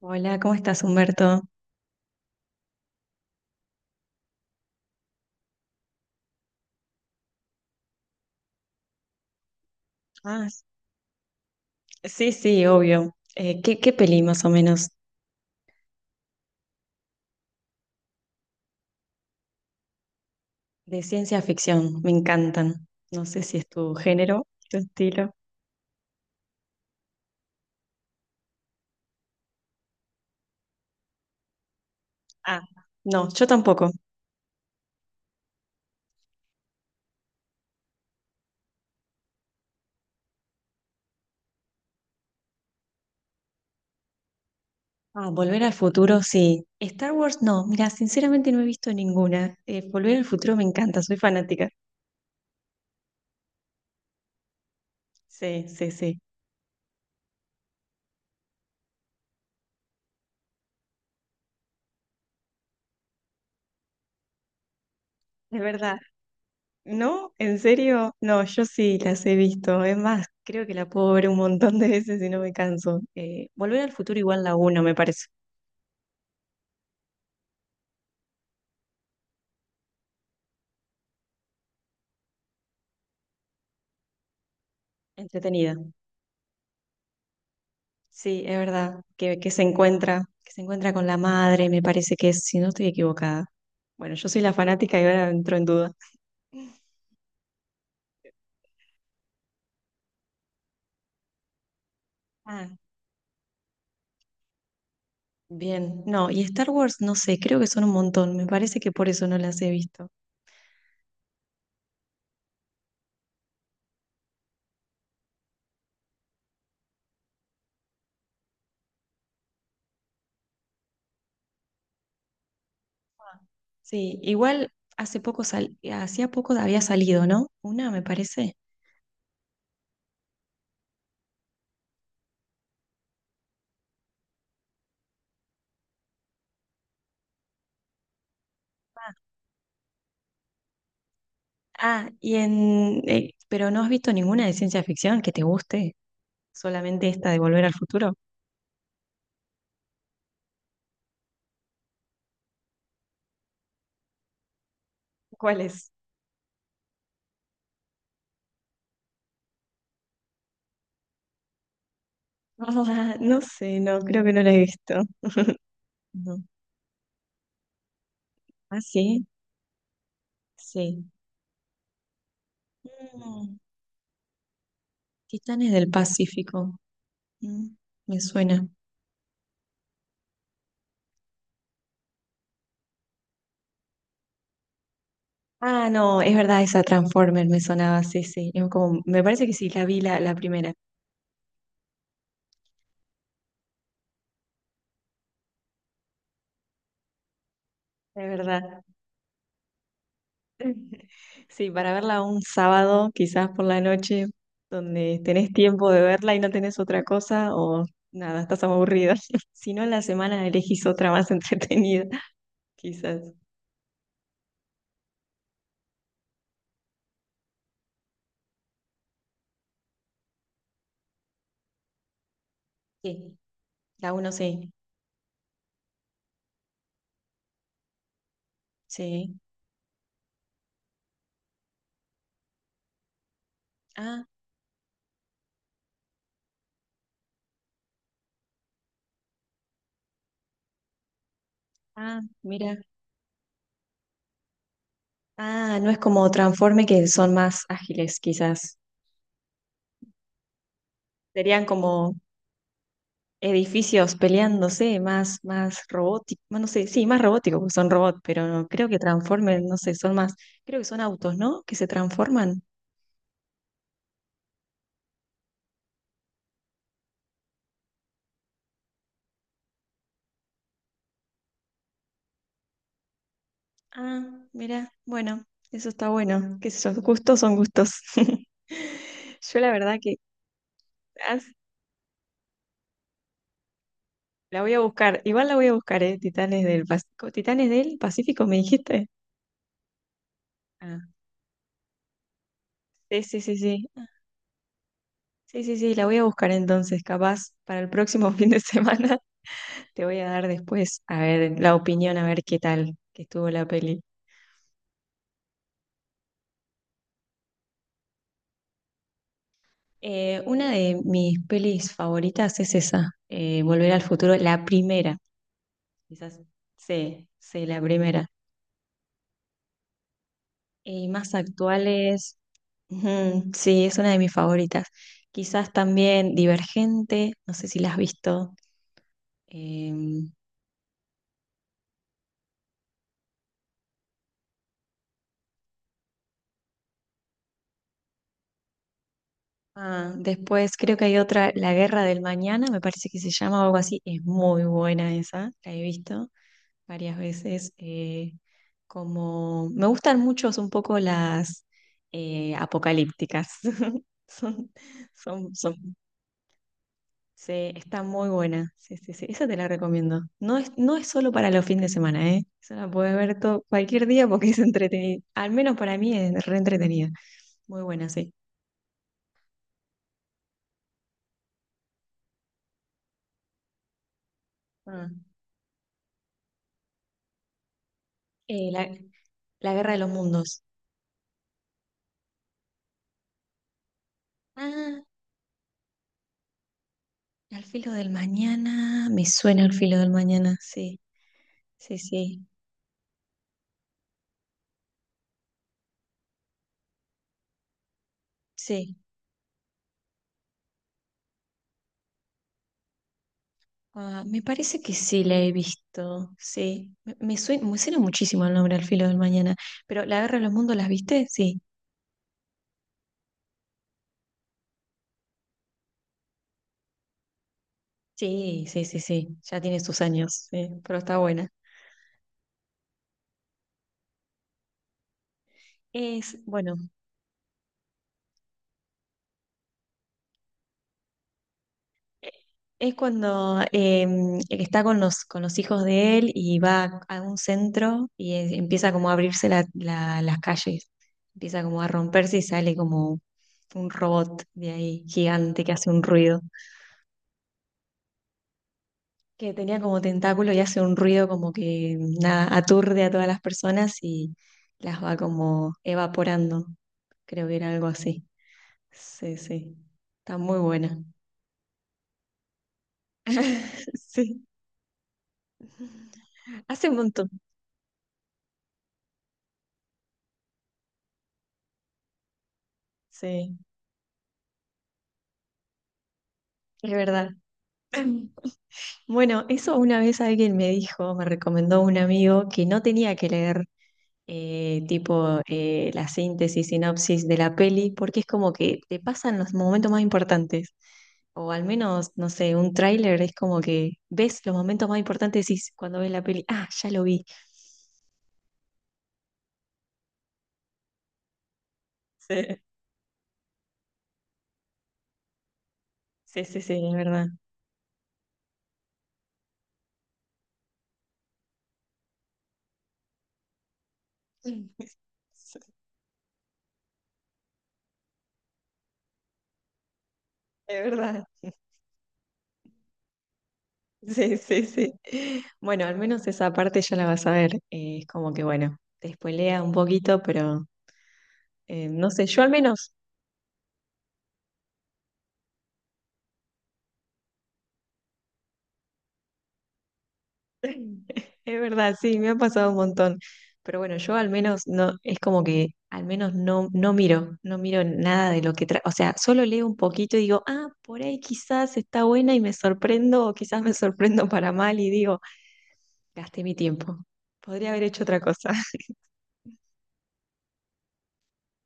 Hola, ¿cómo estás, Humberto? Ah, sí, sí, obvio. ¿Qué peli más o menos de ciencia ficción? Me encantan. No sé si es tu género, tu estilo. Ah, no, yo tampoco. Ah, Volver al futuro, sí. Star Wars, no. Mira, sinceramente no he visto ninguna. Volver al futuro me encanta, soy fanática. Sí, sí, sí. Es verdad. ¿No? ¿En serio? No, yo sí las he visto. Es más, creo que la puedo ver un montón de veces y no me canso. Volver al futuro igual la uno, me parece. Entretenida. Sí, es verdad, que se encuentra, que se encuentra con la madre, me parece que es, si no estoy equivocada. Bueno, yo soy la fanática y ahora entro en duda. Ah, bien. No, y Star Wars, no sé, creo que son un montón. Me parece que por eso no las he visto. Ah. Sí, igual hace poco sal, hacía poco había salido, ¿no? Una, me parece. Ah, Ah, y en pero no has visto ninguna de ciencia ficción que te guste, solamente esta de Volver al Futuro. ¿Cuál es? No sé, no, creo que no la he visto. No. ¿Ah, sí? Sí. Mm, Titanes del Pacífico. Mm, me suena. Ah, no, es verdad, esa Transformer me sonaba, sí, sí. Es como, me parece que sí, la vi la primera, es verdad. Sí, para verla un sábado, quizás por la noche, donde tenés tiempo de verla y no tenés otra cosa, o nada, estás aburrida. Si no, en la semana elegís otra más entretenida, quizás. Sí, la uno sí, sí. Ah, ah, mira. Ah, no es como Transforme que son más ágiles, quizás. Serían como edificios peleándose, más, más robóticos, no sé, sí, más robóticos, porque son robots, pero no, creo que Transforme, no sé, son más, creo que son autos, ¿no? Que se transforman. Ah, mira, bueno, eso está bueno. Qué sé yo, gustos son gustos. Yo la verdad que ah, la voy a buscar, igual la voy a buscar, ¿eh? Titanes del Pacífico. ¿Titanes del Pacífico me dijiste? Ah, sí, sí, sí, sí. Sí, sí, sí, la voy a buscar entonces, capaz para el próximo fin de semana. Te voy a dar después, a ver, la opinión, a ver qué tal que estuvo la peli. Una de mis pelis favoritas es esa, Volver al futuro, la primera, quizás, sí, sí, la primera. Y más actuales, ujú, sí, es una de mis favoritas. Quizás también Divergente, no sé si la has visto. em, Ah, después creo que hay otra, La Guerra del Mañana, me parece que se llama o algo así. Es muy buena esa, la he visto varias veces. Como me gustan mucho un poco las apocalípticas. Son, son, son, sí, está muy buena. Sí, sí, sí, esa te la recomiendo. No es, no es solo para los fines de semana, ¿eh? Esa la puedes ver todo, cualquier día porque es entretenida. Al menos para mí es re entretenida. Muy buena, sí. Ah, eh, la, la Guerra de los Mundos. Ah, al filo del mañana, me suena al filo del mañana, sí, sí, sí, sí. Ah, me parece que sí la he visto, sí. Me suena muchísimo el nombre al filo del mañana, pero ¿La guerra de los mundos las viste? Sí, sí, sí, sí, sí, ya tiene sus años, sí, pero está buena. Es, bueno, es cuando está con los hijos de él y va a un centro y empieza como a abrirse las calles, empieza como a romperse y sale como un robot de ahí gigante que hace un ruido, que tenía como tentáculo y hace un ruido como que nada, aturde a todas las personas y las va como evaporando, creo que era algo así. Sí, sí, está muy buena. Sí, hace un montón, sí. Es verdad. Bueno, eso una vez alguien me dijo, me recomendó un amigo que no tenía que leer tipo la síntesis, sinopsis de la peli, porque es como que te pasan los momentos más importantes. O al menos, no sé, un tráiler es como que ves los momentos más importantes y decís, cuando ves la peli, ah, ya lo vi. Sí, sí, sí, sí, es verdad. Es verdad. Sí, sí, sí. Bueno, al menos esa parte ya la vas a ver. Es como que, bueno, te spoilea un poquito, pero no sé, yo al menos, es verdad, sí, me ha pasado un montón. Pero bueno, yo al menos no, es como que al menos no, no miro, no miro nada de lo que trae. O sea, solo leo un poquito y digo, ah, por ahí quizás está buena y me sorprendo, o quizás me sorprendo para mal y digo, gasté mi tiempo. Podría haber hecho otra cosa.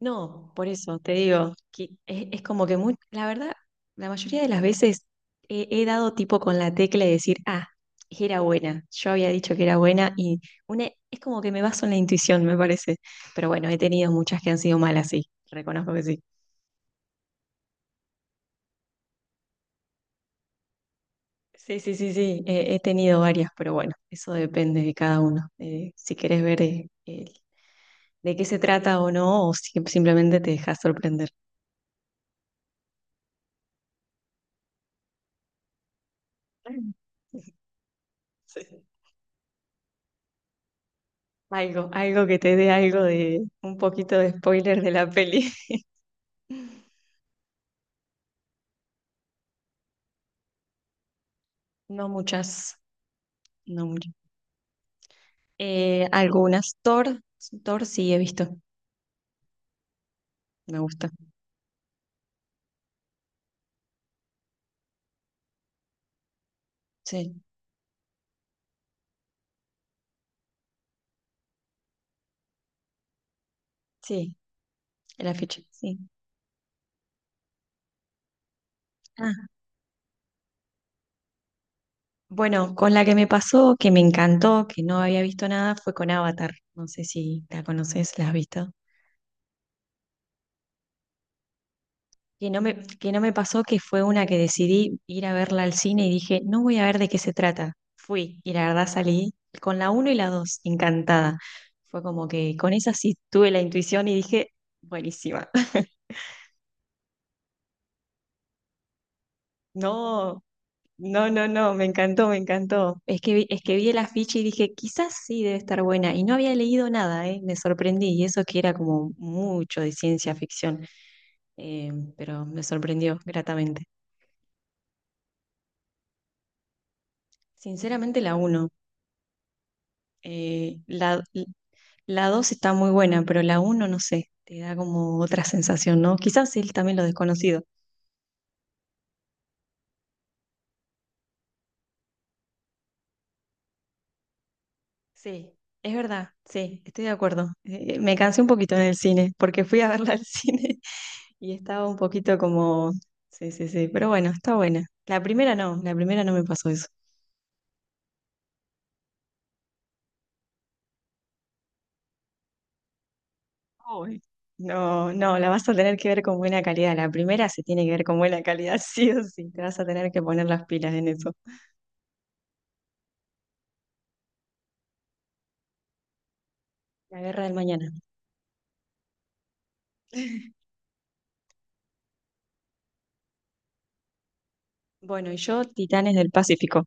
No, por eso te digo, que es como que muy, la verdad, la mayoría de las veces he dado tipo con la tecla de decir, ah, era buena, yo había dicho que era buena y una, es como que me baso en la intuición, me parece. Pero bueno, he tenido muchas que han sido malas, sí, reconozco que sí. Sí, sí, sí, sí, he tenido varias, pero bueno, eso depende de cada uno. Si querés ver de qué se trata o no, o simplemente te dejas sorprender. Sí. Algo, algo que te dé algo de un poquito de spoiler de la peli. No muchas, no muchas. Algunas. Thor sí he visto, me gusta. Sí, sí, el afiche, sí. Ah, bueno, con la que me pasó, que me encantó, que no había visto nada, fue con Avatar. No sé si la conoces, ¿la has visto? Que no me pasó que fue una que decidí ir a verla al cine y dije, no voy a ver de qué se trata. Fui y la verdad salí con la uno y la 2 encantada. Fue como que con esa sí tuve la intuición y dije, buenísima. No, no, me encantó, me encantó. Es que vi el afiche y dije, quizás sí debe estar buena. Y no había leído nada, ¿eh? Me sorprendí. Y eso que era como mucho de ciencia ficción, pero me sorprendió gratamente. Sinceramente, la uno. Eh, la, la 2 está muy buena, pero la uno no sé, te da como otra sensación, ¿no? Quizás sí, también lo desconocido. Sí, es verdad, sí, estoy de acuerdo. Me cansé un poquito en el cine, porque fui a verla al cine y estaba un poquito como... Sí, sí, sí, pero bueno, está buena. La primera no me pasó eso. Ay, no, no, la vas a tener que ver con buena calidad. La primera se tiene que ver con buena calidad, sí o sí. Te vas a tener que poner las pilas en eso. La guerra del mañana. Bueno, y yo, Titanes del Pacífico,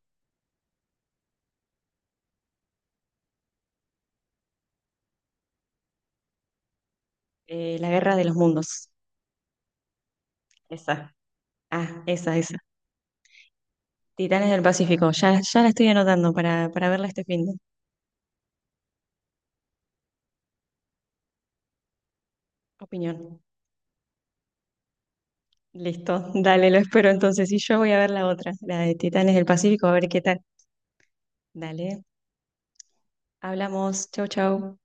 la Guerra de los Mundos. Esa. Ah, esa, esa. Titanes del Pacífico, ya, ya la estoy anotando para verla este fin de opinión. Listo, dale, lo espero entonces. Y yo voy a ver la otra, la de Titanes del Pacífico, a ver qué tal. Dale, hablamos. Chau, chau.